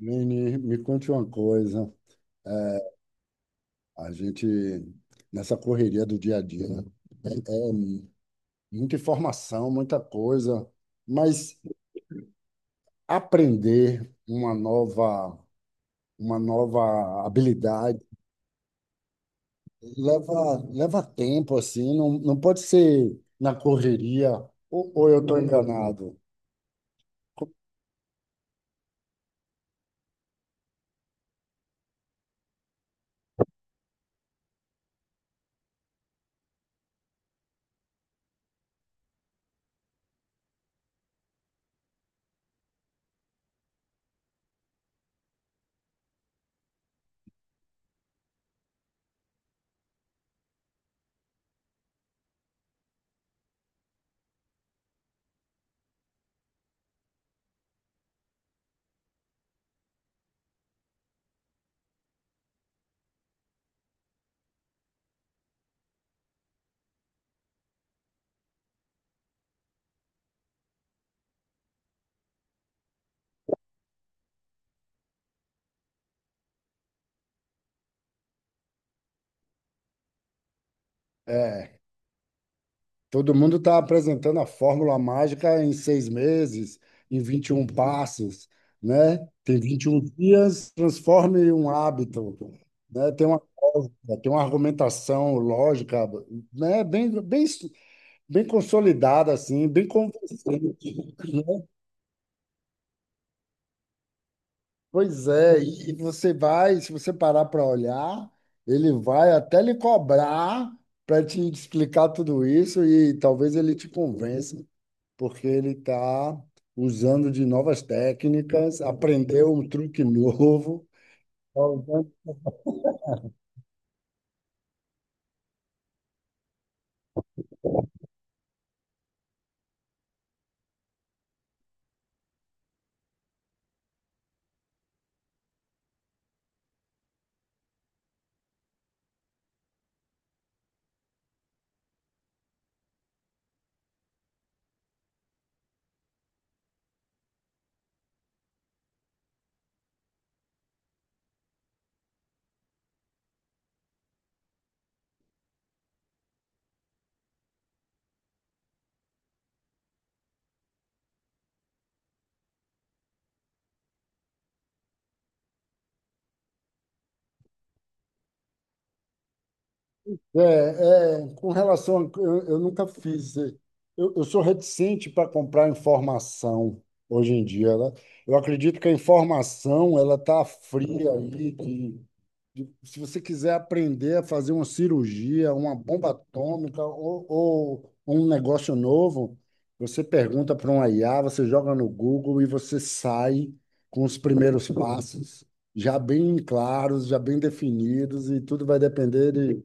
Nini, me conte uma coisa. A gente, nessa correria do dia a dia, muita informação, muita coisa, mas aprender uma nova habilidade leva tempo, assim, não pode ser na correria, ou eu estou enganado? É. Todo mundo está apresentando a fórmula mágica em seis meses, em 21 passos, né? Tem vinte e um dias, transforme um hábito, né? Tem uma lógica, tem uma argumentação lógica, né? Bem, bem, bem consolidada, assim, bem convincente, né? Pois é, e você vai, se você parar para olhar, ele vai até lhe cobrar para te explicar tudo isso e talvez ele te convença. Porque ele está usando de novas técnicas, aprendeu um truque novo. É, é, com relação a, eu nunca fiz. Eu sou reticente para comprar informação hoje em dia. Eu acredito que a informação ela está fria aí, que se você quiser aprender a fazer uma cirurgia, uma bomba atômica ou um negócio novo, você pergunta para um IA, você joga no Google e você sai com os primeiros passos já bem claros, já bem definidos, e tudo vai depender de,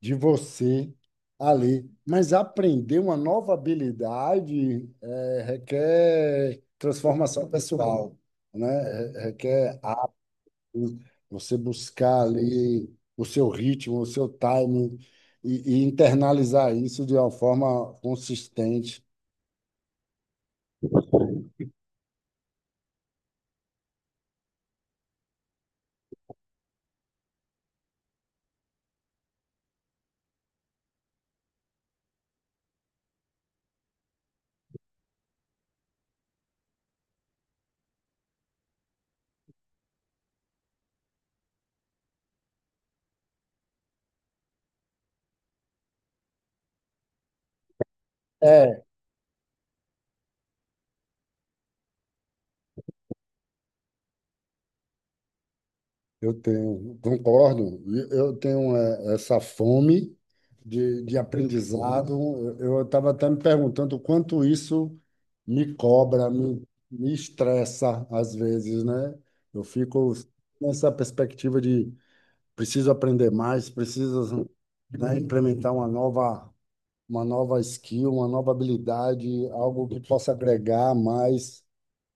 de você ali. Mas aprender uma nova habilidade requer transformação pessoal, né? Requer você buscar ali o seu ritmo, o seu timing e internalizar isso de uma forma consistente. É, eu tenho, concordo, e eu tenho é, essa fome de aprendizado. Eu estava até me perguntando o quanto isso me cobra, me estressa às vezes, né? Eu fico nessa perspectiva de preciso aprender mais, preciso, né, implementar uma nova skill, uma nova habilidade, algo que possa agregar mais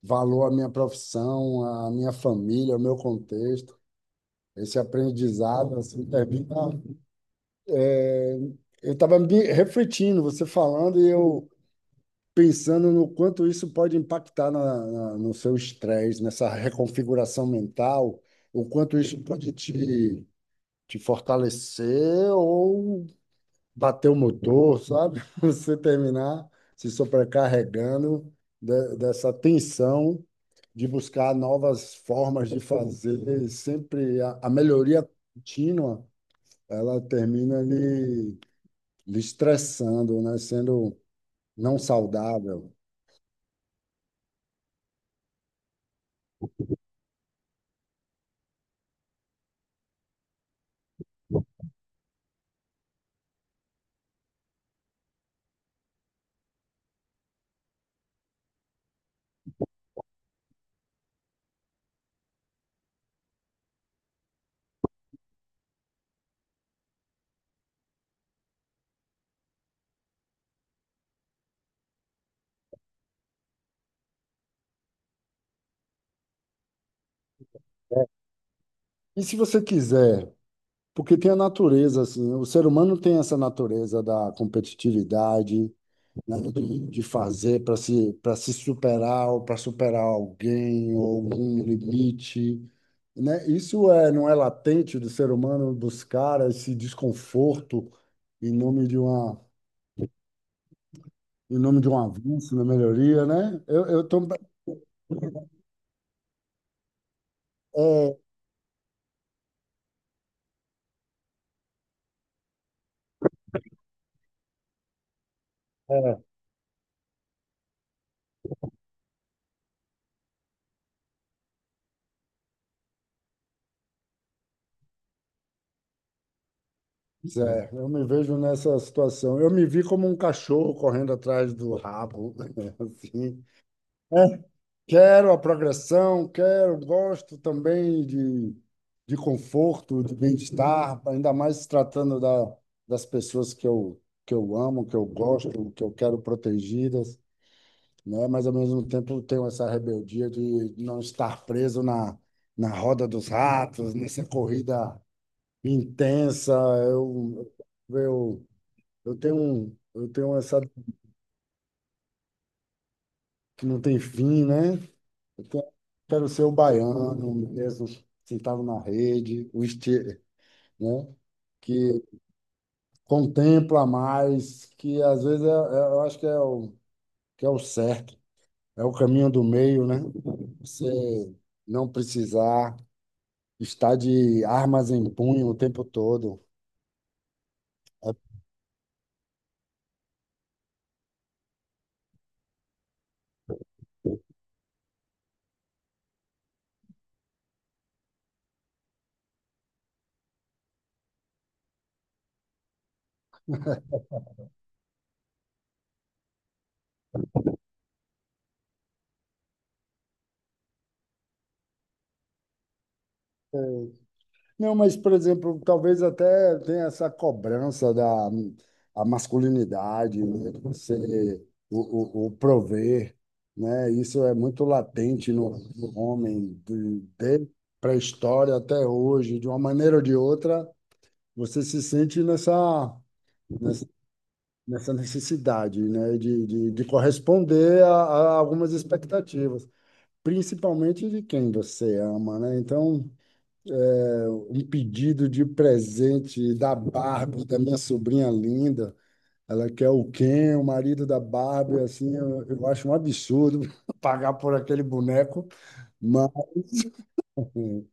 valor à minha profissão, à minha família, ao meu contexto. Esse aprendizado, assim, termina. é, Eu estava me refletindo, você falando, e eu pensando no quanto isso pode impactar no seu estresse, nessa reconfiguração mental, o quanto isso pode te fortalecer ou bater o motor, sabe? Você terminar se sobrecarregando dessa tensão de buscar novas formas de fazer. E sempre a melhoria contínua, ela termina lhe estressando, né? Sendo não saudável. E se você quiser, porque tem a natureza, assim, o ser humano tem essa natureza da competitividade, né, de fazer para se superar ou para superar alguém ou algum limite, né? Isso é, não é latente do ser humano buscar esse desconforto em nome de uma, em nome de um avanço na melhoria, né? Eu tô, é, pois é, eu me vejo nessa situação. Eu me vi como um cachorro correndo atrás do rabo, assim. É, quero a progressão, quero, gosto também de conforto, de bem-estar, ainda mais se tratando das pessoas que eu amo, que eu gosto, que eu quero protegidas, né? Mas ao mesmo tempo eu tenho essa rebeldia de não estar preso na roda dos ratos, nessa corrida intensa. Eu, eu, eu tenho essa que não tem fim, né? Eu quero ser o baiano mesmo, sentado na rede, o estilo, né? Que contempla mais, que às vezes eu acho que que é o certo, é o caminho do meio, né? Você não precisar estar de armas em punho o tempo todo. Não, mas, por exemplo, talvez até tenha essa cobrança da a masculinidade, né? Você, o prover, né? Isso é muito latente no homem, de pré-história até hoje, de uma maneira ou de outra, você se sente nessa, nessa, nessa necessidade, né? De corresponder a algumas expectativas, principalmente de quem você ama, né? Então um pedido de presente da Barbie, da minha sobrinha linda. Ela quer o Ken, o marido da Barbie, assim, eu acho um absurdo pagar por aquele boneco, mas assim,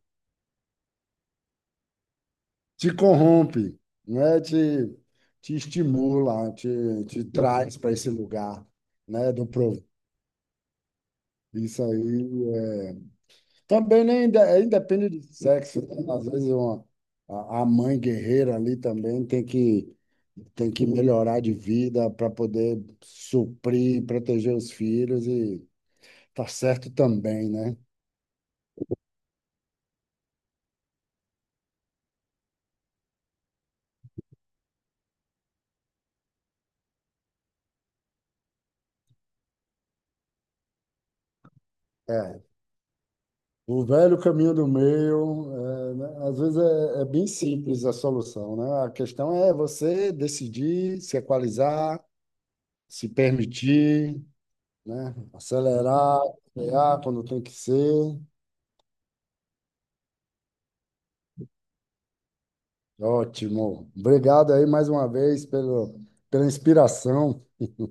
te corrompe, né? Te estimula, te traz para esse lugar, né? Isso aí. Também nem é independe de sexo, né? Às vezes a mãe guerreira ali também tem que melhorar de vida para poder suprir, e proteger os filhos e tá certo também, né? É. O velho caminho do meio, é, né, às vezes é bem simples a solução, né? A questão é você decidir, se equalizar, se permitir, né? Acelerar, frear quando tem que ser. Ótimo. Obrigado aí mais uma vez pelo, pela inspiração.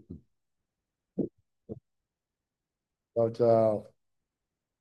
Tchau, tchau.